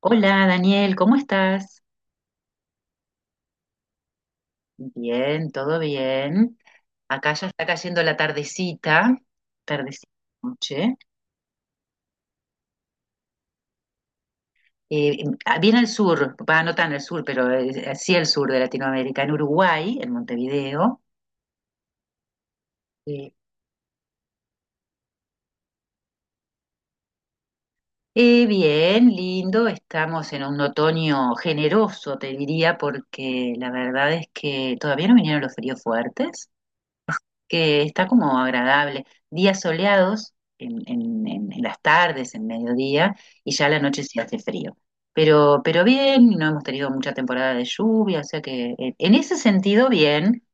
Hola Daniel, ¿cómo estás? Bien, todo bien. Acá ya está cayendo la tardecita, tardecita, noche. Eh, Bien al sur, va, no tan al sur, pero sí al sur de Latinoamérica, en Uruguay, en Montevideo. Eh, Bien, lindo, estamos en un otoño generoso, te diría, porque la verdad es que todavía no vinieron los fríos fuertes. Que está como agradable. Días soleados en, en las tardes, en mediodía, y ya a la noche sí hace frío. Pero bien, no hemos tenido mucha temporada de lluvia, o sea que en ese sentido bien.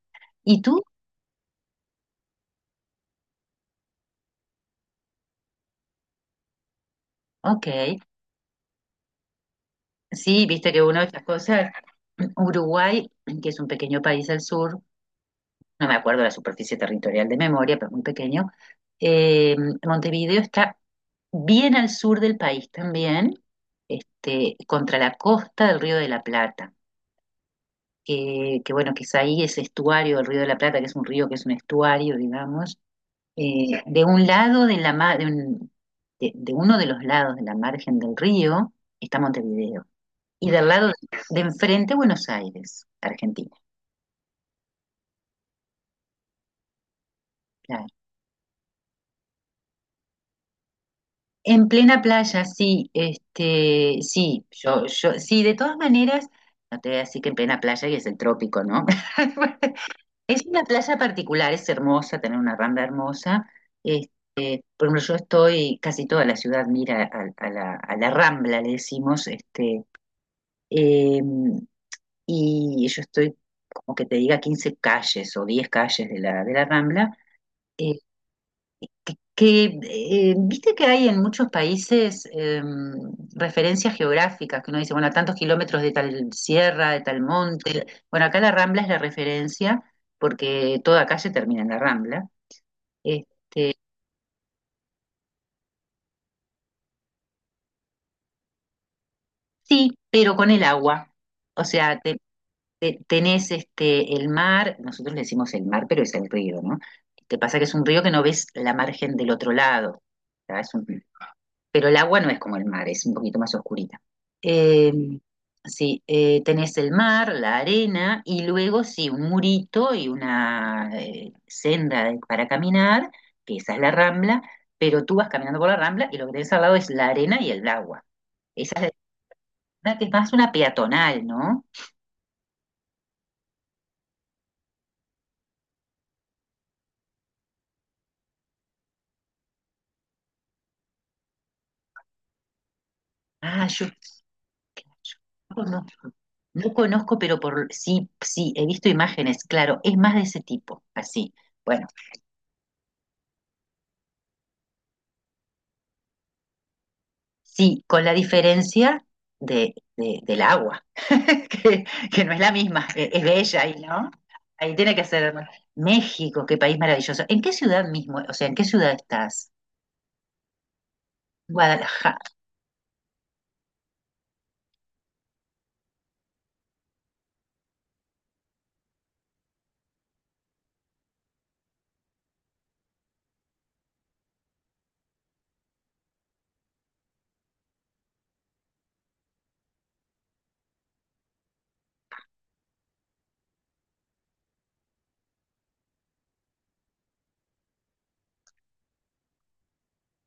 ¿Y tú? Ok. Sí, viste que una de estas cosas, Uruguay, que es un pequeño país al sur, no me acuerdo la superficie territorial de memoria, pero muy pequeño. Eh, Montevideo está bien al sur del país también, este, contra la costa del Río de la Plata, que bueno, que es ahí ese estuario del Río de la Plata, que es un río que es un estuario, digamos, de un lado de la de uno de los lados de la margen del río está Montevideo, y del lado de enfrente Buenos Aires, Argentina. Claro. En plena playa, sí, este, sí, yo, sí, de todas maneras, no te voy a decir que en plena playa y es el trópico, ¿no? Es una playa particular, es hermosa, tener una rambla hermosa. eh, por ejemplo, yo estoy, casi toda la ciudad mira a, a la rambla, le decimos, este, eh, y yo estoy, como que te diga, 15 calles o 10 calles de la rambla. Que viste que hay en muchos países referencias geográficas, que uno dice, bueno, a tantos kilómetros de tal sierra, de tal monte. Bueno, acá la Rambla es la referencia porque toda calle termina en la Rambla. Eh, sí, pero con el agua. O sea, tenés este, el mar, nosotros le decimos el mar, pero es el río, ¿no? Te pasa que es un río que no ves la margen del otro lado. O sea, es un- pero el agua no es como el mar, es un poquito más oscurita. Eh, sí, tenés el mar, la arena y luego sí, un murito y una senda de- para caminar, que esa es la rambla, pero tú vas caminando por la rambla y lo que tenés al lado es la arena y el agua. Esa es la arena que es más una peatonal, ¿no? Ah, yo no conozco, no conozco, pero por sí, sí, he visto imágenes, claro, es más de ese tipo, así. Bueno. Sí, con la diferencia del agua, que, que no es la misma, que es bella ahí, ¿no? Ahí tiene que ser México, qué país maravilloso. ¿En qué ciudad mismo? O sea, ¿en qué ciudad estás? Guadalajara.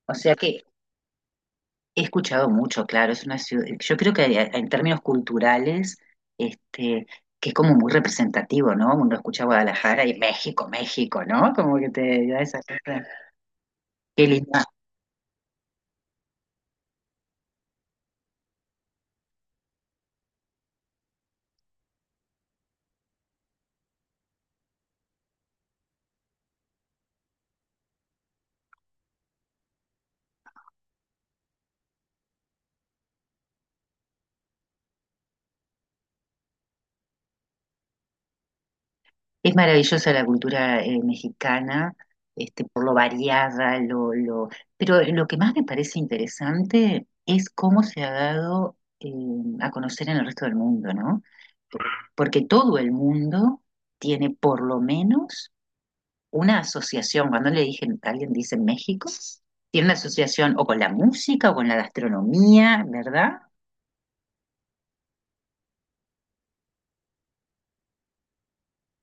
O sea que he escuchado mucho, claro, es una ciudad, yo creo que a- en términos culturales, este, que es como muy representativo, ¿no? Uno escucha Guadalajara y México, México, ¿no? Como que te da esa cosa. Qué lindo. Es maravillosa la cultura mexicana, este, por lo variada, lo... pero lo que más me parece interesante es cómo se ha dado a conocer en el resto del mundo, ¿no? Porque todo el mundo tiene por lo menos una asociación. Cuando le dije, alguien dice México, tiene una asociación o con la música o con la gastronomía, ¿verdad?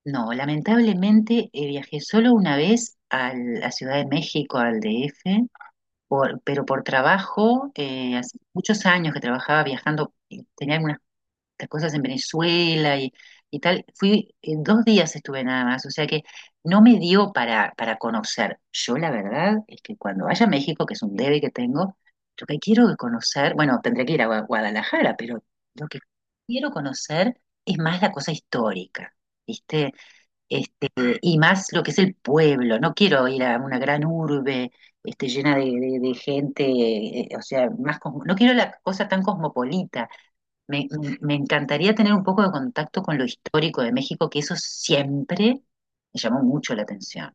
No, lamentablemente viajé solo una vez a la Ciudad de México, al DF pero por trabajo, hace muchos años que trabajaba viajando, tenía algunas cosas en Venezuela y tal, fui, dos días estuve nada más, o sea que no me dio para conocer. Yo la verdad es que cuando vaya a México, que es un debe que tengo, lo que quiero conocer, bueno, tendré que ir a Guadalajara, pero lo que quiero conocer es más la cosa histórica, ¿viste? Este, y más lo que es el pueblo. No quiero ir a una gran urbe este, llena de gente, o sea, más cosmo- no quiero la cosa tan cosmopolita. Me encantaría tener un poco de contacto con lo histórico de México, que eso siempre me llamó mucho la atención.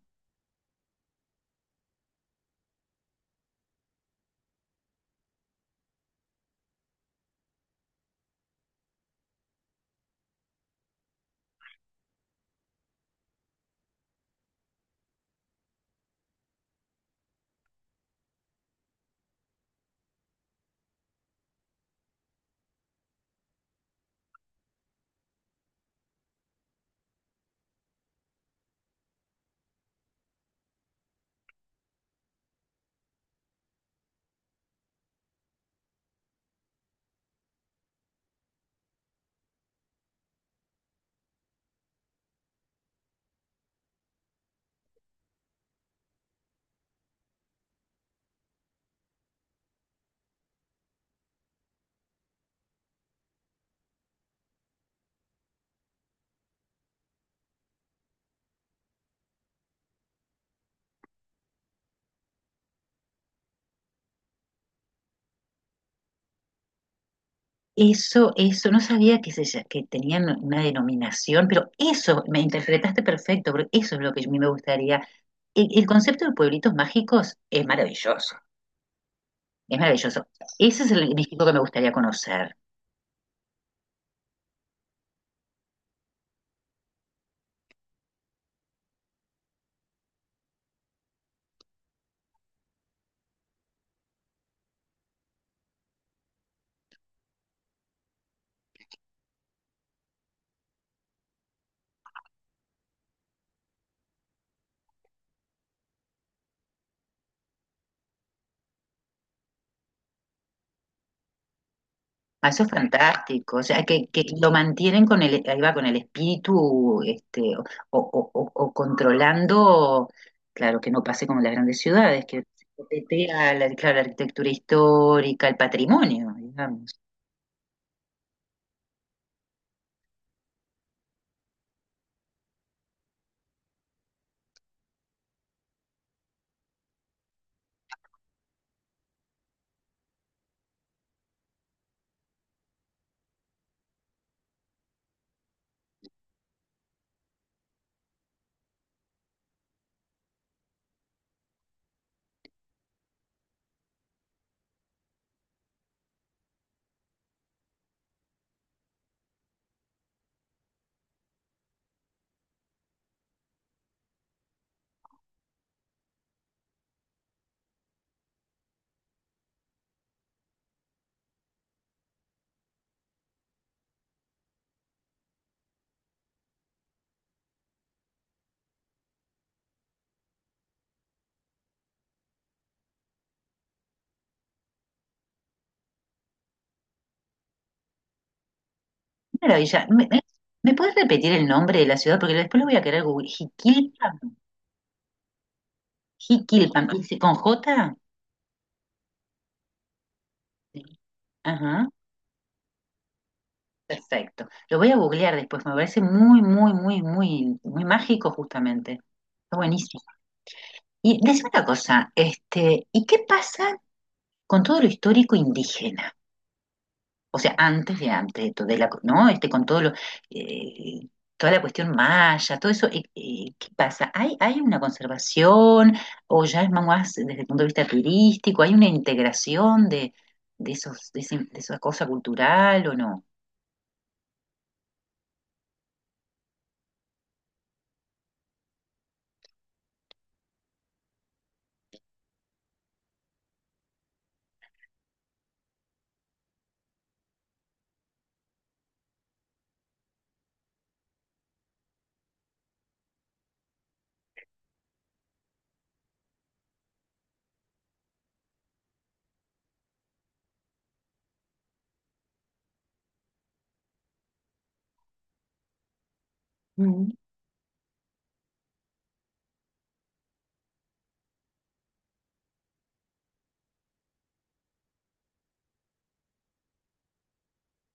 Eso, no sabía que, se, lla- que tenían una denominación, pero eso, me interpretaste perfecto, porque eso es lo que a mí me gustaría. El concepto de pueblitos mágicos es maravilloso. Es maravilloso. Ese es el México que me gustaría conocer. Ah, eso es fantástico. O sea, que lo mantienen con el, ahí va, con el espíritu, este, o, o controlando, claro, que no pase como en las grandes ciudades, que coquetea la, claro, la arquitectura histórica, el patrimonio, digamos. Maravilla. ¿ Me puedes repetir el nombre de la ciudad? Porque después lo voy a querer googlear. Jiquilpan. Jiquilpan. ¿Y se- ¿Con J? Sí. Ajá. Perfecto. Lo voy a googlear después, me parece muy, muy, muy, muy, muy mágico justamente. Está buenísimo. Y decime una cosa, este, ¿y qué pasa con todo lo histórico indígena? O sea, antes de todo, de la, ¿no? Este, con todo lo, eh, toda la cuestión maya, todo eso, ¿qué pasa? Hay una conservación o ya es más desde el punto de vista turístico? ¿Hay una integración de esos, de, ese- de esa cosa cultural o no? Mm.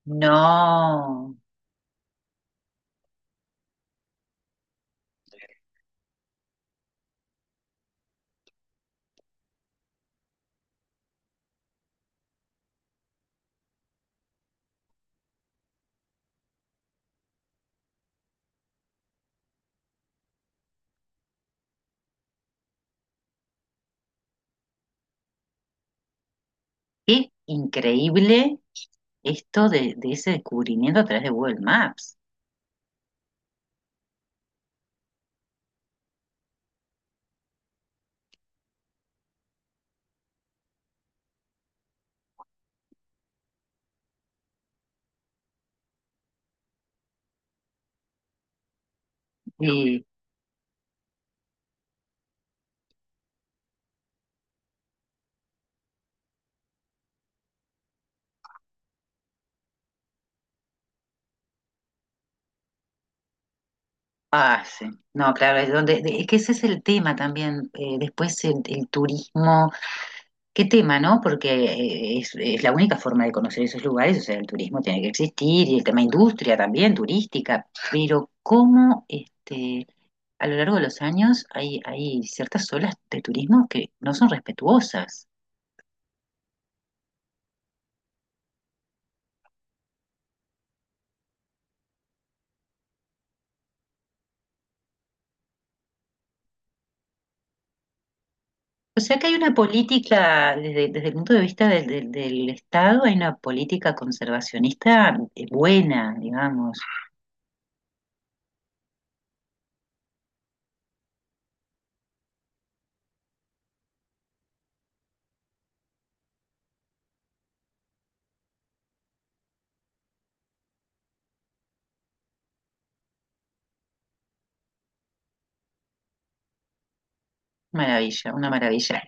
No. Qué increíble esto de ese descubrimiento a través de Google Maps. Y, ah, sí. No, claro, es, donde, de- es que ese es el tema también. Después el turismo, qué tema, ¿no? Porque es la única forma de conocer esos lugares, o sea, el turismo tiene que existir y el tema industria también, turística. Pero cómo este, a lo largo de los años hay, hay ciertas olas de turismo que no son respetuosas. O sea que hay una política, desde, desde el punto de vista del, del- del Estado, hay una política conservacionista buena, digamos. Maravilla, una maravilla.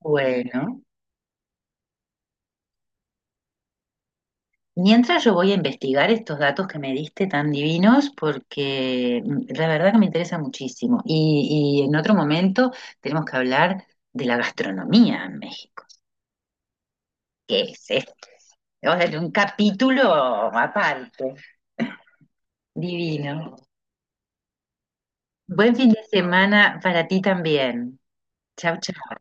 Bueno, mientras yo voy a investigar estos datos que me diste tan divinos, porque mm, la verdad que me interesa muchísimo. Y en otro momento tenemos que hablar de la gastronomía en México. ¿Qué es esto? Vamos a hacer un capítulo aparte. Divino. Buen fin de semana para ti también. Chao, chao.